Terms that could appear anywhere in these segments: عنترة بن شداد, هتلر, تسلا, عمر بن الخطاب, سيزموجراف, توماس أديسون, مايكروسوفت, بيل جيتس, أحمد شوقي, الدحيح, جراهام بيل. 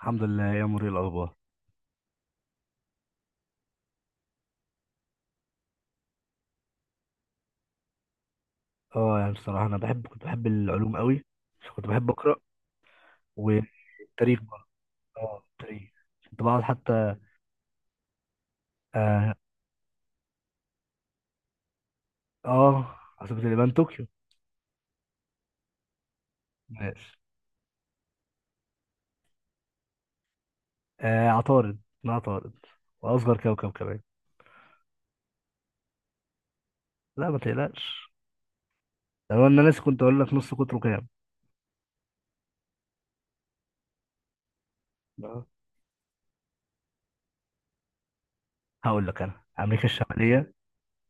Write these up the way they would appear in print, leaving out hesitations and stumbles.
الحمد لله يا مري الاخبار. اه يعني بصراحه انا بحب العلوم قوي. كنت بحب اقرا، والتاريخ برضه. اه، التاريخ. كنت بقعد حتى. اه, عاصمه اليابان طوكيو. ماشي. عطارد، ما عطارد. واصغر كوكب كمان. لا، ما تقلقش. لو انا ناسي كنت اقول لك نص قطره كام. آه. هقول لك انا امريكا الشماليه.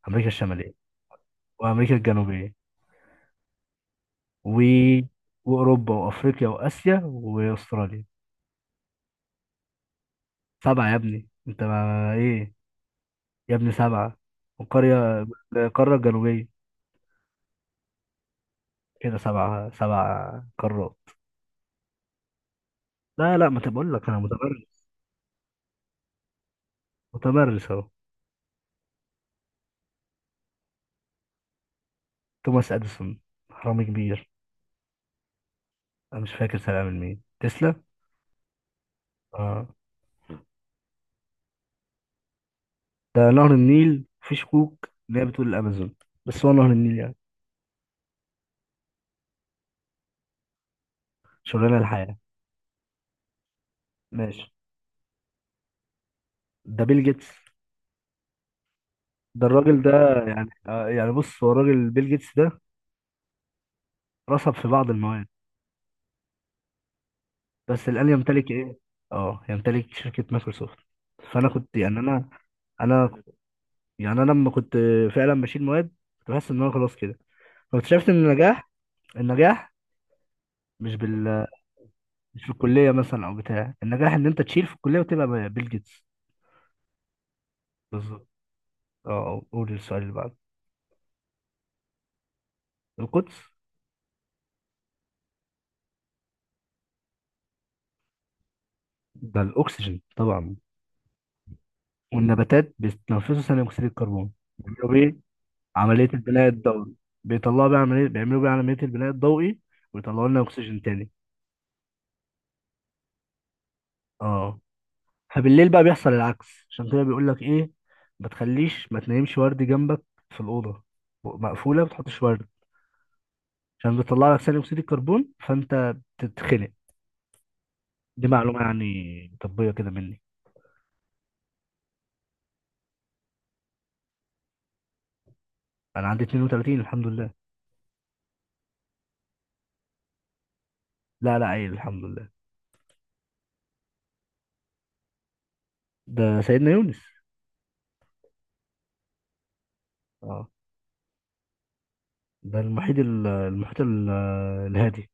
امريكا الشماليه وامريكا الجنوبيه و... واوروبا وافريقيا واسيا واستراليا. سبعه يا ابني، انت ما ايه. يا ابني سبعة. والقرية، القارة الجنوبية. كده سبعة. سبع قارات. لا لا، ما تبقول لك أنا متمرس. متمرس أهو. توماس أديسون، حرامي كبير. أنا مش فاكر سنة من مين. تسلا. آه. ده نهر النيل، في شكوك إن هي بتقول الأمازون، بس هو نهر النيل يعني. شغلانة الحياة. ماشي. ده بيل جيتس. ده الراجل ده. بص، هو الراجل بيل جيتس ده رصد في بعض المواد، بس الآن يمتلك إيه؟ آه، يمتلك شركة مايكروسوفت. فأنا كنت يعني أنا. انا انا لما كنت فعلا بشيل مواد كنت بحس ان انا خلاص كده. فاكتشفت ان النجاح مش بال-، مش في الكليه مثلا. او بتاع النجاح ان انت تشيل في الكليه وتبقى بيل جيتس. بالظبط. قول السؤال اللي بعده. القدس. ده الاكسجين طبعا. والنباتات بيتنفسوا ثاني اكسيد الكربون، بيعملوا بيه عمليه البناء الضوئي. بيطلعوا بيه عمليه بيعملوا بيه عمليه البناء الضوئي، ويطلعوا لنا اكسجين تاني. اه. فبالليل بقى بيحصل العكس، عشان كده بيقول لك ايه: ما تنامش ورد جنبك في الاوضه مقفوله. ما تحطش ورد، عشان بيطلع لك ثاني اكسيد الكربون، فانت بتتخنق. دي معلومه يعني طبيه كده مني. انا عندي 32، الحمد لله. لا لا، عيل الحمد لله. ده سيدنا يونس. اه، ده المحيط المحيط الهادي.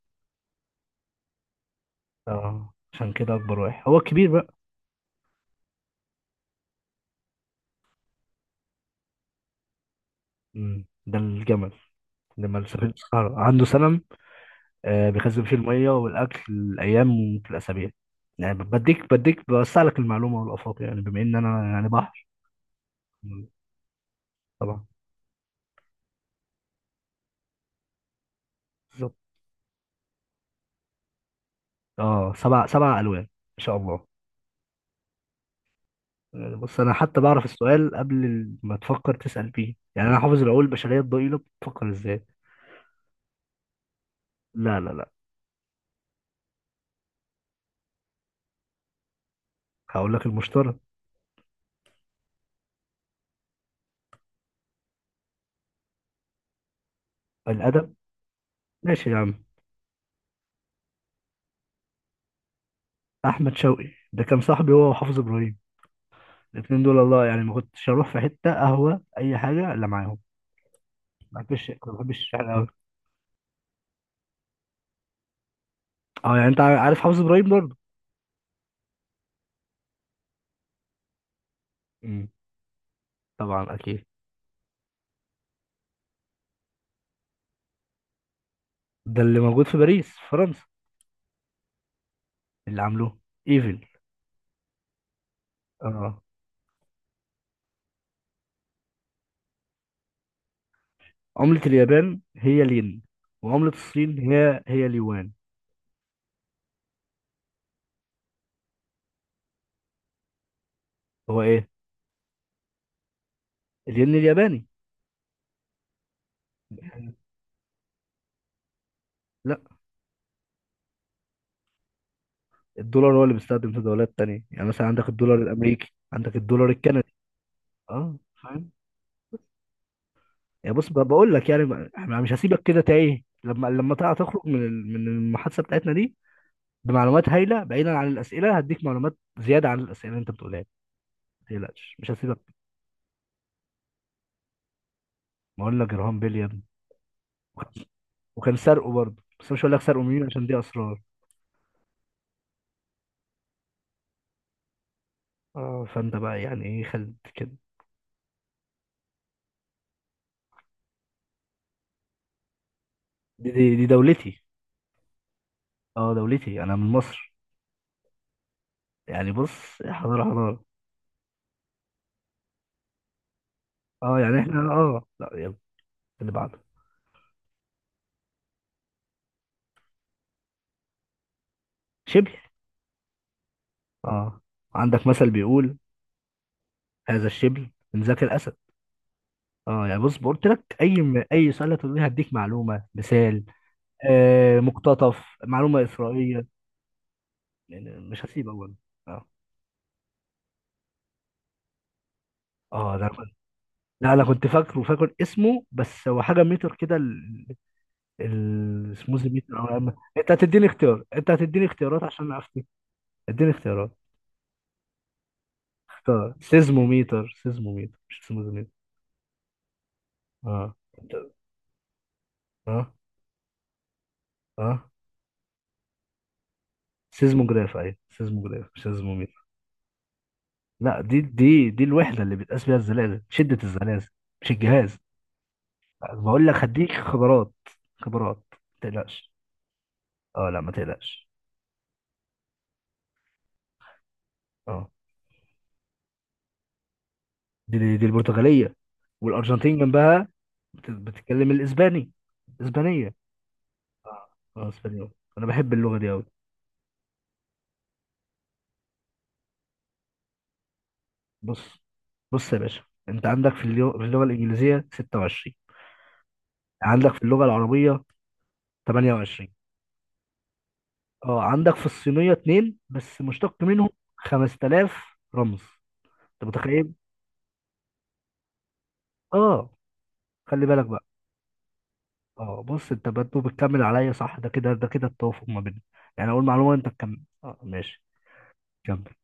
اه، عشان كده اكبر واحد هو الكبير بقى. مم. ده الجمل. جمل سفينة الصحراء عنده سنة. آه، بيخزن فيه المية والأكل الأيام في الأسابيع. يعني بديك بوسع لك المعلومة والآفاق، يعني بما إن أنا يعني بحر. طبعا. بالظبط. أه، سبع ألوان إن شاء الله. يعني بص، أنا حتى بعرف السؤال قبل ما تفكر تسأل فيه. يعني أنا حافظ العقول البشرية الضئيلة بتفكر إزاي. لا لا لا. هقول لك المشترى. الأدب. ماشي يا عم. أحمد شوقي ده كان صاحبي، هو وحافظ إبراهيم. الاتنين دول، الله، يعني ما كنتش أروح في حتة قهوة أي حاجة إلا معاهم. ما بحبش الشعر أوي. اه، يعني انت عارف حافظ ابراهيم برضه. مم. طبعا اكيد. ده اللي موجود في باريس في فرنسا. اللي عاملوه ايفل. اه. عملة اليابان هي الين. وعملة الصين هي اليوان. هو ايه؟ الين الياباني. لا. الدولار هو اللي بيستخدم في دولات تانية. يعني مثلا عندك الدولار الامريكي، عندك الدولار الكندي. اه، فاهم. يعني بص، بقول لك يعني احنا مش هسيبك كده تايه، لما تخرج من من المحادثه بتاعتنا دي بمعلومات هايله. بعيدا عن الاسئله هديك معلومات زياده عن الاسئله اللي انت بتقولها. تقلقش مش هسيبك. ما اقول لك جراهام بيل يا ابني. وكان وكان سرقه برضه، بس مش هقول لك سرقه مين، عشان دي اسرار. اه، فانت بقى يعني ايه خلت كده. دي دولتي. اه، دولتي، انا من مصر. يعني بص، حضاره حضاره. اه يعني احنا لا، يلا اللي بعده. شبل. اه. عندك مثل بيقول: هذا الشبل من ذاك الاسد. اه، يعني بص قلت لك اي سؤال هتقول لي هديك معلومه مثال. آه، مقتطف معلومه اسرائيليه. يعني مش هسيب اول. اه اه ده. لا، انا كنت فاكر اسمه. بس هو حاجه ميتر كده. السموزي ميتر او أما. انت هتديني اختيارات عشان افتي. اديني اختيارات. اختار سيزموميتر. سيزموميتر مش سموزي ميتر. اه. أنت- اه. اه، سيزموجراف، ايوه سيزموجراف مش سيزموميتر. لا، دي الوحده اللي بتقاس بيها الزلازل، شده الزلازل. مش الجهاز. بقول لك هديك خبرات. خبرات، ما تقلقش. اه لا، ما تقلقش. اه. دي البرتغاليه. والارجنتين جنبها بتتكلم الاسباني. اسبانيه. اه اسبانيول. انا بحب اللغه دي قوي. بص، بص يا باشا، انت عندك في اللغه الانجليزيه 26. عندك في اللغه العربيه 28. اه، عندك في الصينيه اتنين بس مشتق منهم 5000 رمز. انت متخيل؟ اه، خلي بالك بقى. اه، بص انت برضه بتكمل عليا صح. ده كده ده كده التوافق ما بيننا. يعني اقول معلومه انت تكمل. اه، ماشي. كمل.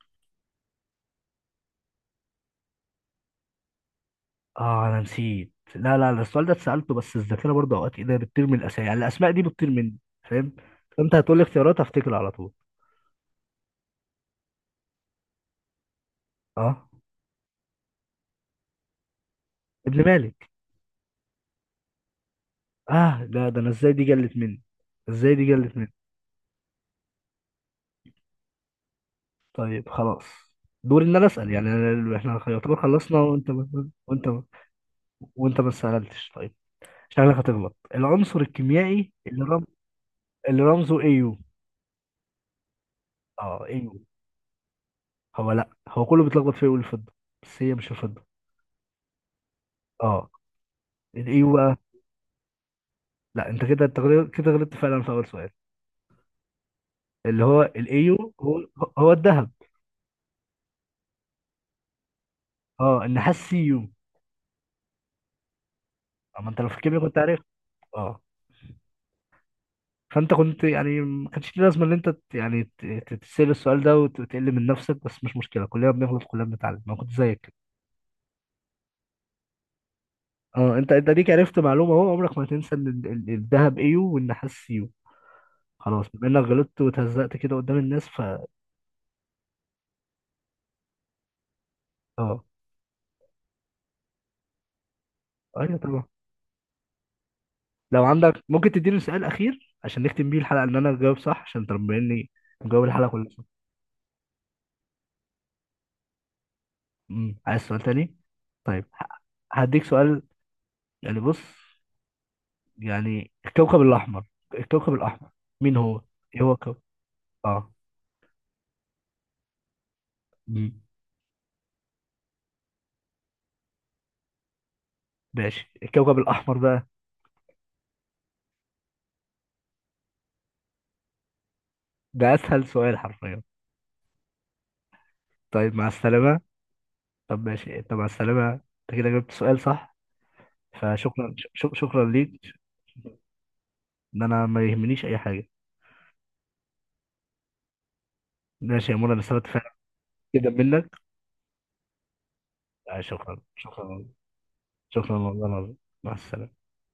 اه، انا نسيت. لا لا لا، السؤال ده اتسالته، بس الذاكره برضه اوقات ايه، ده بتطير من الاسامي. يعني الاسماء دي بتطير مني، فاهم؟ فانت هتقول لي اختيارات هفتكر على طول. اه، ابن مالك. اه. ده انا ازاي دي جلت مني. ازاي دي جلت مني. طيب خلاص. دوري ان انا اسال. يعني احنا يعتبر خلصنا، وانت ما وانت ما سالتش. طيب، شكلك هتغلط. العنصر الكيميائي اللي اللي رمزه ايو. اه، ايو. هو، لا هو كله بيتلخبط فيه يقول الفضه، بس هي مش الفضه. اه، الايو. لا، انت كده غلطت فعلا في اول سؤال. اللي هو الايو. هو هو الذهب. اه، النحاس سيو. اما انت لو في الكيمياء كنت عارف. اه، فانت كنت يعني ما كانش ليه لازمه ان انت تسال السؤال ده وتقل من نفسك. بس مش مشكله، كلنا بنغلط، كلنا بنتعلم. انا كنت زيك كده. اه، انت ليك عرفت معلومه اهو. عمرك ما هتنسى ان الذهب ايو والنحاس سيو. خلاص، بما انك غلطت وتهزقت كده قدام الناس، ف... اه، ايوه طبعا. لو عندك ممكن تديني سؤال اخير عشان نختم بيه الحلقه، ان انا اجاوب صح عشان تربيني. مجاوب الحلقه كلها صح. مم. عايز سؤال تاني؟ طيب هديك سؤال. يعني بص، يعني الكوكب الاحمر. الكوكب الاحمر مين هو؟ ايه هو الكوكب؟ اه. مم. ماشي، الكوكب الاحمر بقى. ده اسهل سؤال حرفيا. طيب مع السلامه. طب ماشي، انت مع السلامه، انت كده جبت سؤال صح. فشكرا، شكرا ليك. ان انا ما يهمنيش اي حاجه. ماشي يا منى، انا استفدت فعلا جدا منك. آه، شكرا شكرا. شكرا والله العظيم. مع السلامة.